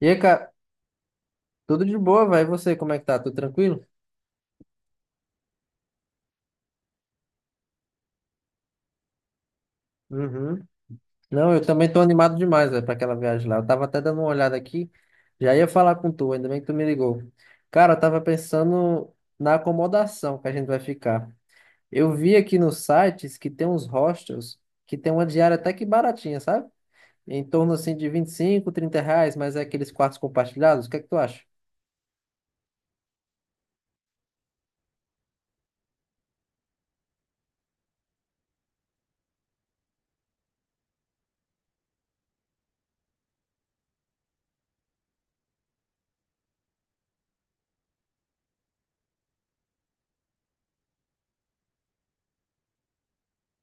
E aí, cara, tudo de boa, vai. E você, como é que tá? Tudo tranquilo? Uhum. Não, eu também tô animado demais, velho, pra aquela viagem lá. Eu tava até dando uma olhada aqui, já ia falar com tu, ainda bem que tu me ligou. Cara, eu tava pensando na acomodação que a gente vai ficar. Eu vi aqui nos sites que tem uns hostels que tem uma diária até que baratinha, sabe? Em torno, assim, de 25, 30 reais, mas é aqueles quartos compartilhados. O que é que tu acha?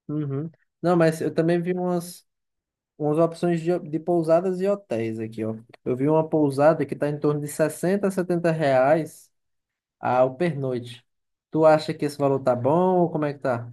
Uhum. Não, mas eu também vi umas. Umas opções de pousadas e hotéis aqui, ó. Eu vi uma pousada que está em torno de 60 a R$ 70 ao pernoite. Tu acha que esse valor tá bom ou como é que tá?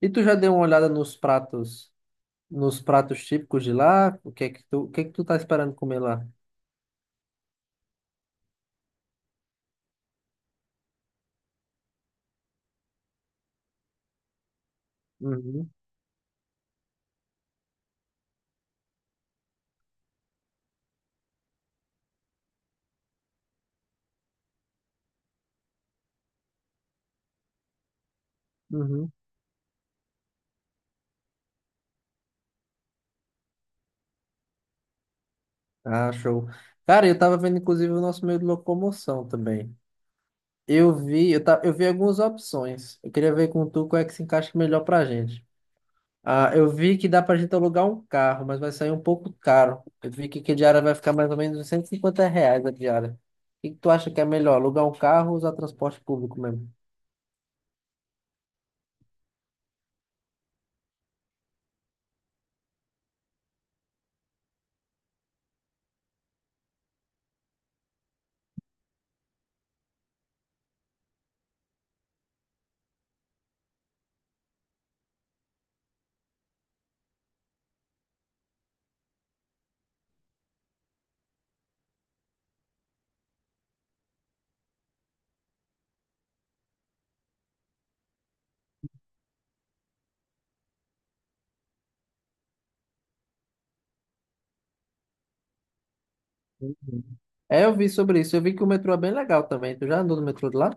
E tu já deu uma olhada nos pratos típicos de lá? O que é que tu, o que é que tu tá esperando comer lá? Uhum, uhum. Ah, show. Cara, eu tava vendo inclusive o nosso meio de locomoção também. Eu vi algumas opções. Eu queria ver com tu qual é que se encaixa melhor pra gente. Ah, eu vi que dá pra gente alugar um carro, mas vai sair um pouco caro. Eu vi que a diária vai ficar mais ou menos 150 reais a diária. O que que tu acha que é melhor, alugar um carro ou usar transporte público mesmo? Uhum. É, eu vi sobre isso. Eu vi que o metrô é bem legal também. Tu já andou no metrô de lá?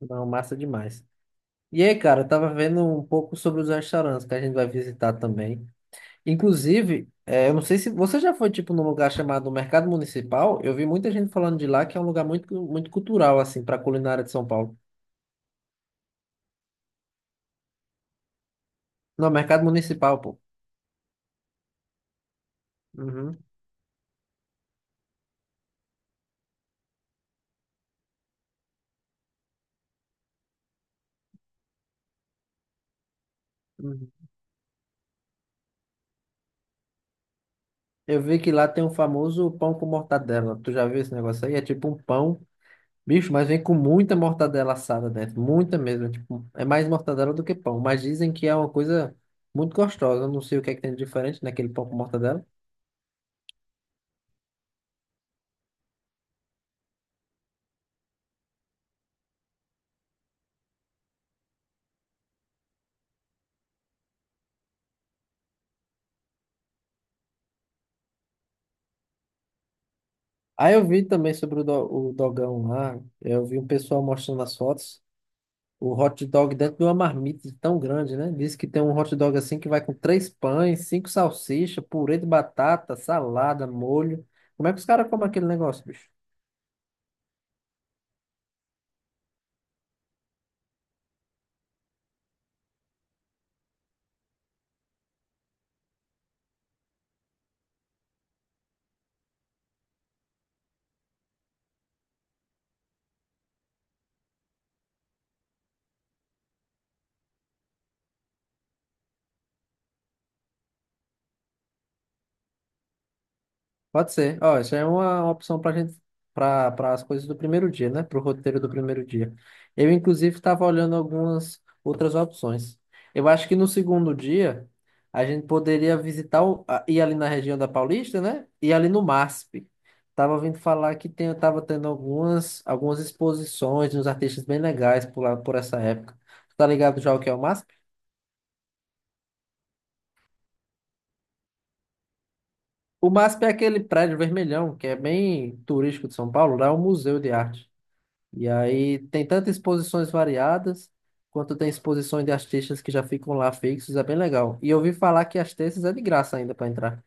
Não, massa demais. E aí, cara, eu tava vendo um pouco sobre os restaurantes que a gente vai visitar também. Inclusive, é, eu não sei se você já foi tipo num lugar chamado Mercado Municipal. Eu vi muita gente falando de lá que é um lugar muito, muito cultural assim para culinária de São Paulo. No mercado municipal, pô. Uhum, uhum. Eu vi que lá tem um famoso pão com mortadela. Tu já viu esse negócio aí? É tipo um pão, bicho, mas vem com muita mortadela assada dentro. Muita mesmo. É, tipo, é mais mortadela do que pão. Mas dizem que é uma coisa muito gostosa. Eu não sei o que é que tem de diferente naquele pão com mortadela. Aí eu vi também sobre o dogão lá. Eu vi um pessoal mostrando as fotos. O hot dog dentro de uma marmita tão grande, né? Diz que tem um hot dog assim que vai com três pães, cinco salsichas, purê de batata, salada, molho. Como é que os caras comem aquele negócio, bicho? Pode ser. Ó, isso é uma opção para gente, para as coisas do primeiro dia, né? Para o roteiro do primeiro dia. Eu, inclusive, estava olhando algumas outras opções. Eu acho que no segundo dia a gente poderia visitar ir ali na região da Paulista, né? E ali no MASP. Tava ouvindo falar que tava tendo algumas exposições de uns artistas bem legais por lá, por essa época. Tu tá ligado já o que é o MASP? O MASP é aquele prédio vermelhão que é bem turístico de São Paulo. Lá é um museu de arte. E aí tem tantas exposições variadas, quanto tem exposições de artistas que já ficam lá fixos, é bem legal. E eu ouvi falar que as terças é de graça ainda para entrar.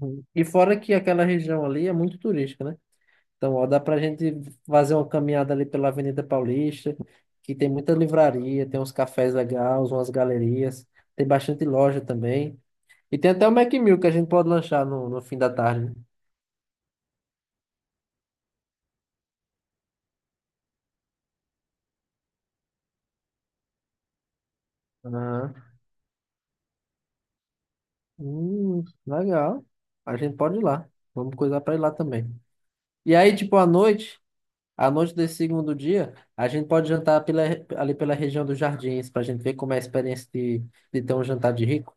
Uhum. E fora que aquela região ali é muito turística, né? Então, ó, dá pra gente fazer uma caminhada ali pela Avenida Paulista, que tem muita livraria, tem uns cafés legais, umas galerias, tem bastante loja também. E tem até o Mac Mill que a gente pode lanchar no fim da tarde. Aham. Legal. A gente pode ir lá. Vamos coisar para ir lá também. E aí, tipo, à noite desse segundo dia, a gente pode jantar ali pela região dos jardins, pra gente ver como é a experiência de ter um jantar de rico.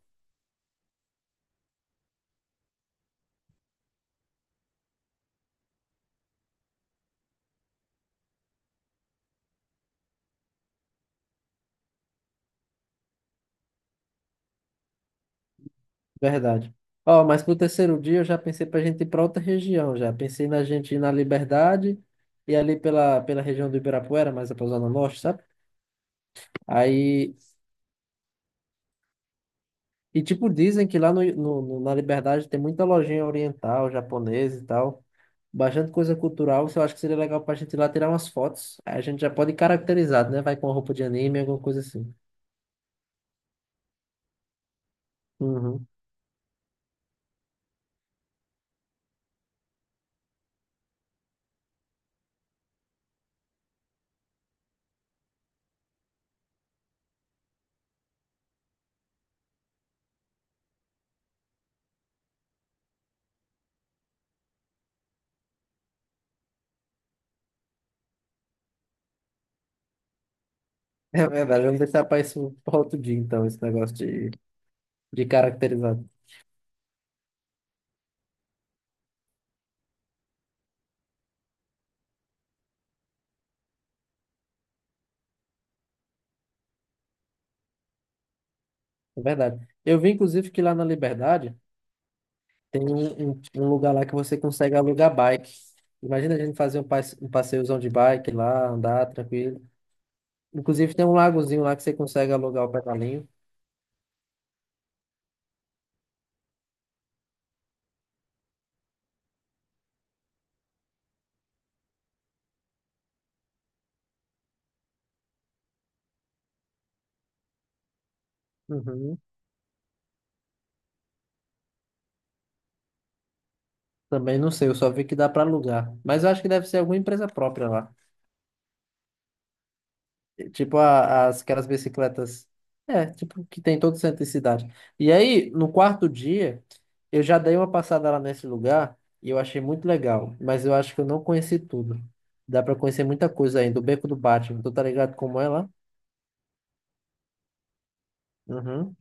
Verdade. Ó, mas pro terceiro dia eu já pensei pra gente ir pra outra região já. Pensei na gente ir na Liberdade e ali pela região do Ibirapuera, mais a Zona Norte, sabe? Aí e, tipo, dizem que lá na Liberdade tem muita lojinha oriental, japonesa e tal. Bastante coisa cultural. Eu acho que seria legal pra gente ir lá tirar umas fotos. Aí a gente já pode ir caracterizado, né? Vai com roupa de anime, alguma coisa assim. Uhum. É verdade, vamos deixar para isso para outro dia, então, esse negócio de, caracterizado. É verdade. Eu vi, inclusive, que lá na Liberdade tem um lugar lá que você consegue alugar bike. Imagina a gente fazer um passeiozão de bike lá, andar tranquilo. Inclusive tem um lagozinho lá que você consegue alugar o pedalinho. Uhum. Também não sei, eu só vi que dá para alugar. Mas eu acho que deve ser alguma empresa própria lá. Tipo aquelas bicicletas. É, tipo, que tem em todo centro de cidade. E aí, no quarto dia, eu já dei uma passada lá nesse lugar e eu achei muito legal. Mas eu acho que eu não conheci tudo. Dá para conhecer muita coisa ainda. O Beco do Batman, tu tá ligado como é lá? Uhum.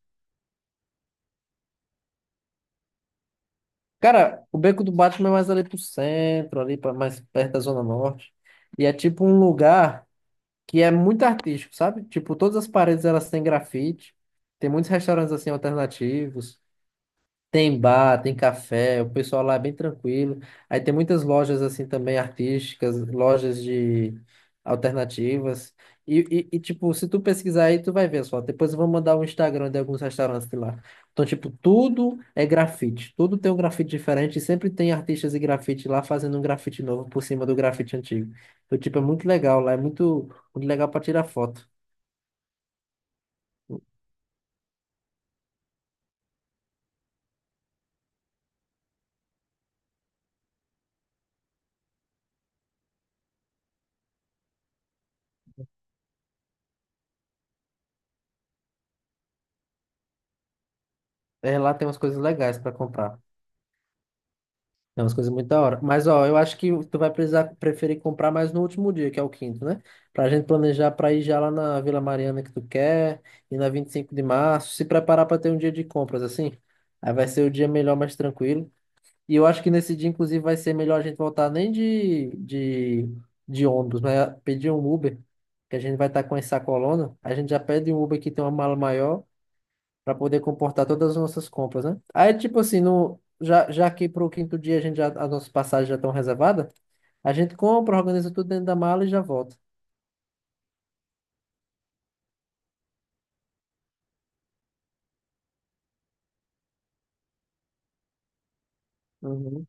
Cara, o Beco do Batman é mais ali pro centro, mais perto da Zona Norte. E é tipo um lugar que é muito artístico, sabe? Tipo, todas as paredes elas têm grafite. Tem muitos restaurantes assim alternativos. Tem bar, tem café, o pessoal lá é bem tranquilo. Aí tem muitas lojas assim também artísticas, lojas de alternativas. E, tipo, se tu pesquisar aí, tu vai ver só. Depois eu vou mandar o Instagram de alguns restaurantes de lá. Então, tipo, tudo é grafite. Tudo tem um grafite diferente. E sempre tem artistas e grafite lá fazendo um grafite novo por cima do grafite antigo. Então, tipo, é muito legal lá. É muito, muito legal para tirar foto. É, lá tem umas coisas legais para comprar. Tem umas coisas muito da hora. Mas, ó, eu acho que tu vai precisar preferir comprar mais no último dia, que é o quinto, né? Pra gente planejar pra ir já lá na Vila Mariana que tu quer, e na 25 de março, se preparar pra ter um dia de compras, assim. Aí vai ser o dia melhor, mais tranquilo. E eu acho que nesse dia, inclusive, vai ser melhor a gente voltar nem de ônibus, mas pedir um Uber, que a gente vai estar com essa coluna. A gente já pede um Uber que tem uma mala maior para poder comportar todas as nossas compras, né? Aí, tipo assim, no, já, já que pro quinto dia a gente já, as nossas passagens já estão reservadas, a gente compra, organiza tudo dentro da mala e já volta. Uhum.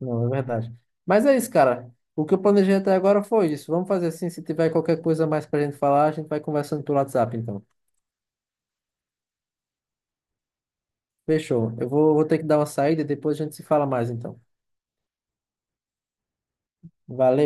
Não, é verdade. Mas é isso, cara. O que eu planejei até agora foi isso. Vamos fazer assim, se tiver qualquer coisa mais para a gente falar, a gente vai conversando pelo WhatsApp, então. Fechou. Eu vou ter que dar uma saída e depois a gente se fala mais, então. Valeu.